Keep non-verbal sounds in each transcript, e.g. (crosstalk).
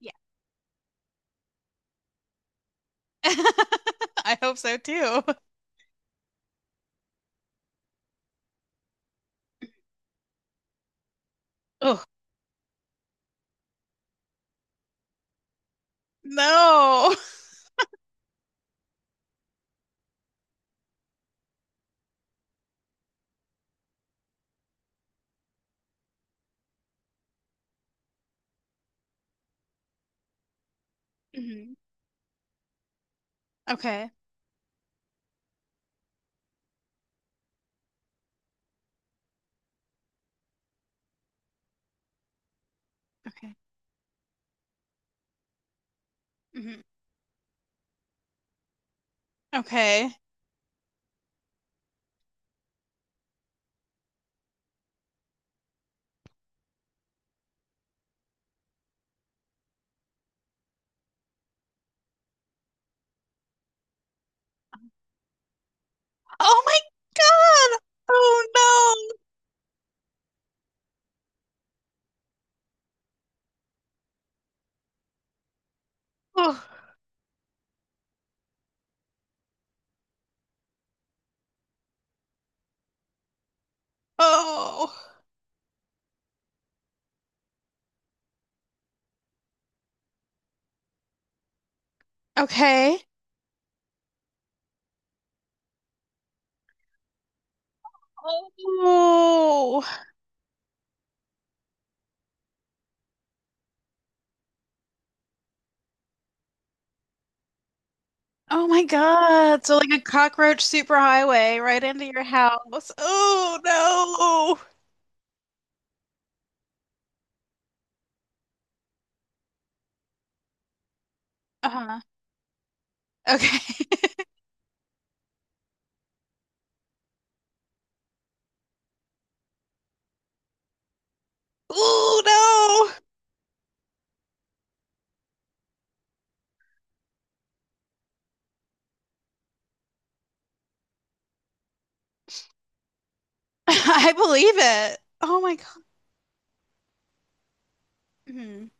Yeah. (laughs) I hope so too. Oh, no. Mhm. Okay. Okay. Mhm. Okay. Oh my God. Oh no. Oh. Oh. Okay. Oh. Oh my God. So like a cockroach superhighway right into your house. Oh no. Uh-huh. Okay. (laughs) Oh no. (laughs) I believe it. Oh my God. Mhm.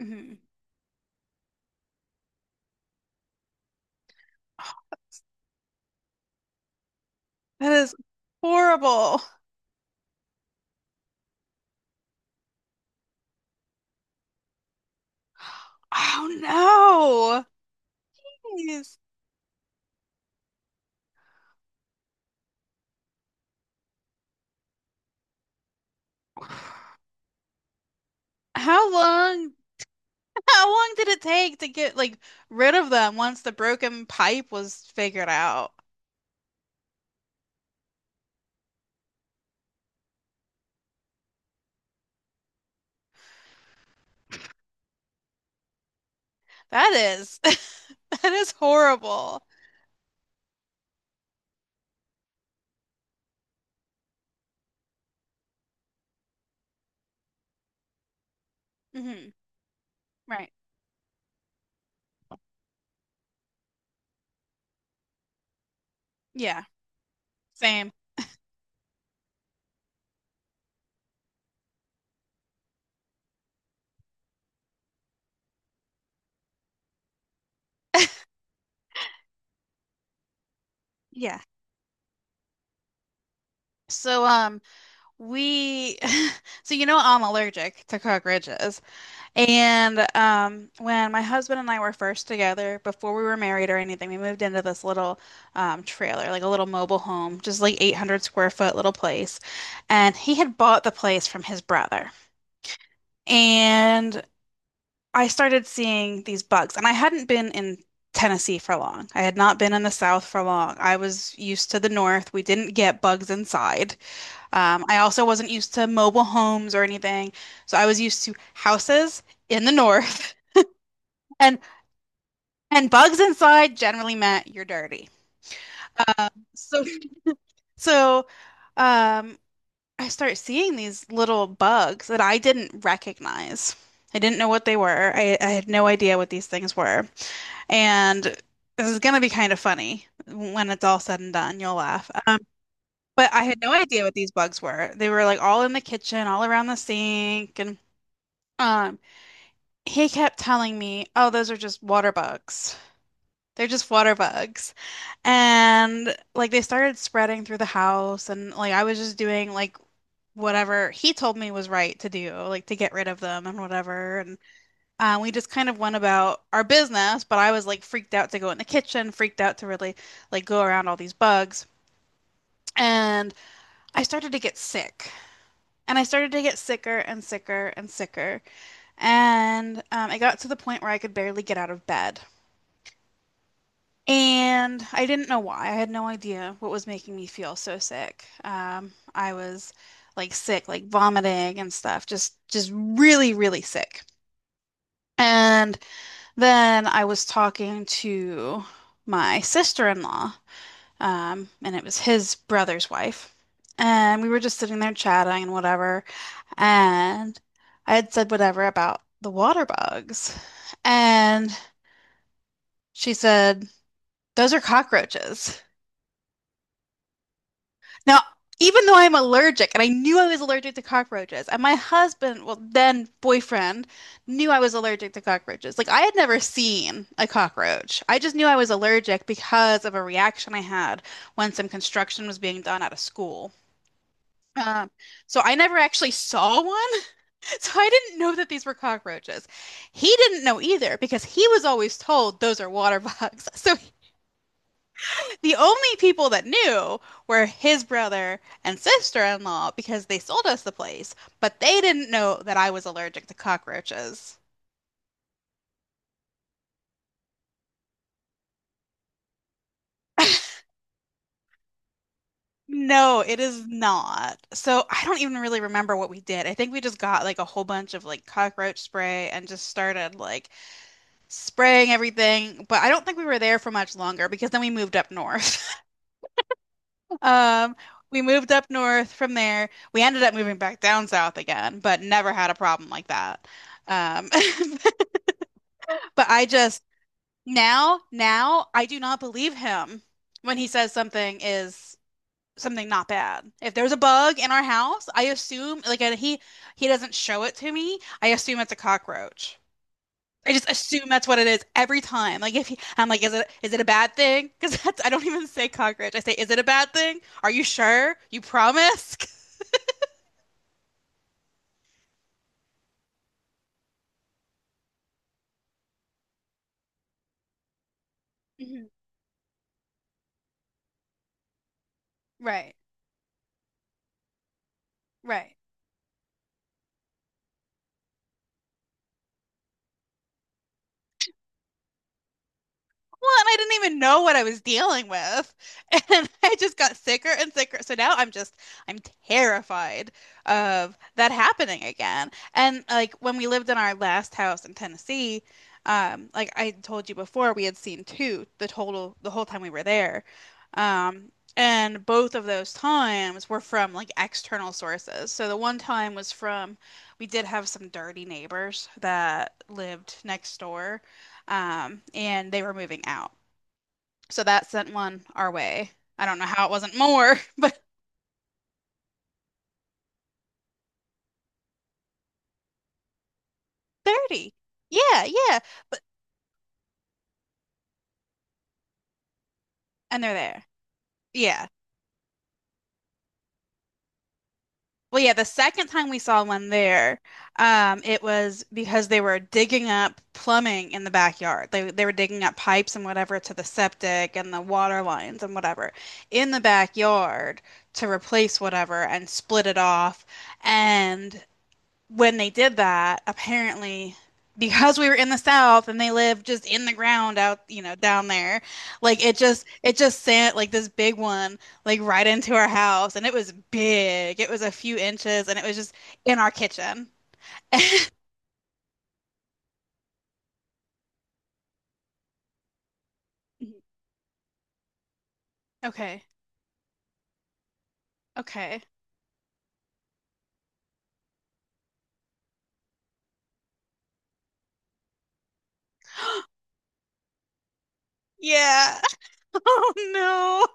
Mhm. That is horrible. Oh no. Jeez. How long, how long did it take to get like rid of them once the broken pipe was figured out? That is, (laughs) that is horrible. Hmm. Right. Yeah. Same. (laughs) Yeah. So we (laughs) so you know I'm allergic to cockroaches. And when my husband and I were first together, before we were married or anything, we moved into this little trailer, like a little mobile home, just like 800 square foot little place. And he had bought the place from his brother. And I started seeing these bugs. And I hadn't been in Tennessee for long. I had not been in the South for long. I was used to the North. We didn't get bugs inside. I also wasn't used to mobile homes or anything. So I was used to houses in the north. (laughs) and and bugs inside generally meant you're dirty. Um, so so um, I start seeing these little bugs that I didn't recognize. I didn't know what they were. I had no idea what these things were. And this is going to be kind of funny when it's all said and done. You'll laugh. But I had no idea what these bugs were. They were like all in the kitchen, all around the sink. And um, he kept telling me, oh, those are just water bugs. They're just water bugs. And like they started spreading through the house, and like I was just doing like whatever he told me was right to do, like to get rid of them and whatever. And we just kind of went about our business, but I was like freaked out to go in the kitchen, freaked out to really like go around all these bugs. And I started to get sick. And I started to get sicker and sicker and sicker. And it got to the point where I could barely get out of bed. And I didn't know why. I had no idea what was making me feel so sick. I was like sick, like vomiting and stuff, just really, really sick. And then I was talking to my sister-in-law, and it was his brother's wife. And we were just sitting there chatting and whatever. And I had said whatever about the water bugs. And she said, those are cockroaches. Now, even though I'm allergic and I knew I was allergic to cockroaches, and my husband, well, then boyfriend, knew I was allergic to cockroaches. Like, I had never seen a cockroach. I just knew I was allergic because of a reaction I had when some construction was being done at a school. Um, so I never actually saw one. (laughs) So I didn't know that these were cockroaches. He didn't know either because he was always told those are water bugs. (laughs) So the only people that knew were his brother and sister-in-law because they sold us the place, but they didn't know that I was allergic to cockroaches. No, it is not. So I don't even really remember what we did. I think we just got like a whole bunch of like cockroach spray and just started like spraying everything, but I don't think we were there for much longer because then we moved up north. (laughs) Um, we moved up north from there. We ended up moving back down south again, but never had a problem like that. Um, (laughs) But I just now, now I do not believe him when he says something is something not bad. If there's a bug in our house, I assume like, and he doesn't show it to me. I assume it's a cockroach. I just assume that's what it is every time. Like if he, I'm like, is it a bad thing? (laughs) Because that's, I don't even say cockroach. I say, is it a bad thing? Are you sure? You promise? (laughs) Right, right. Well, and I didn't even know what I was dealing with. (laughs) And I just got sicker and sicker. So now I'm just, I'm terrified of that happening again. And like when we lived in our last house in Tennessee, like I told you before, we had seen two the total, the whole time we were there. Um, and both of those times were from like external sources. So the one time was from, we did have some dirty neighbors that lived next door, and they were moving out. So that sent one our way. I don't know how it wasn't more. (laughs) 30. Yeah, yeah. But and they're there. Yeah. Well, yeah, the second time we saw one there, it was because they were digging up plumbing in the backyard. They were digging up pipes and whatever to the septic and the water lines and whatever in the backyard to replace whatever and split it off. And when they did that, apparently, because we were in the South and they lived just in the ground out, you know, down there, like it just sent like this big one like right into our house, and it was big. It was a few inches, and it was just in our kitchen. (laughs) Mhm. Okay. Okay. Yeah. (laughs) Oh no.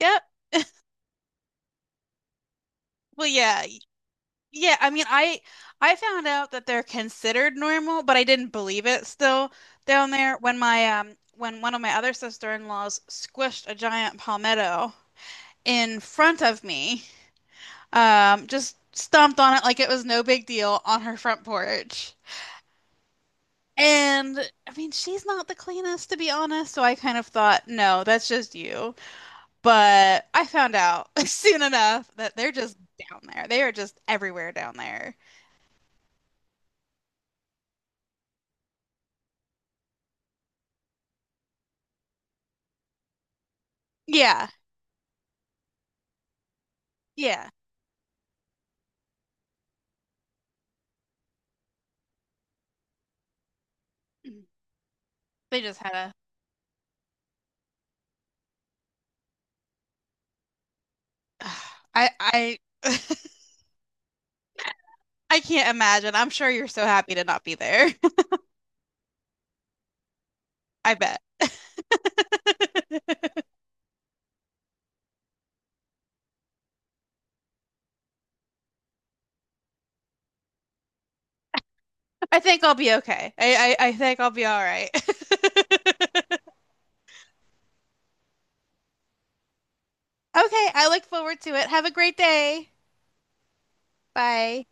Yep. Well, yeah. Yeah, I mean, I found out that they're considered normal, but I didn't believe it still down there when my when one of my other sister-in-laws squished a giant palmetto in front of me. Just stomped on it like it was no big deal on her front porch. And I mean, she's not the cleanest to be honest, so I kind of thought, no, that's just you. But I found out (laughs) soon enough that they're just down there. They are just everywhere down there. Yeah. Yeah. Mm-hmm. They just had a. (sighs) I (laughs) I can't imagine. I'm sure you're so happy to not be there. (laughs) I bet. (laughs) I think I'll be okay. I think I'll be all right. (laughs) Okay, I look forward to it. Have a great day. Bye.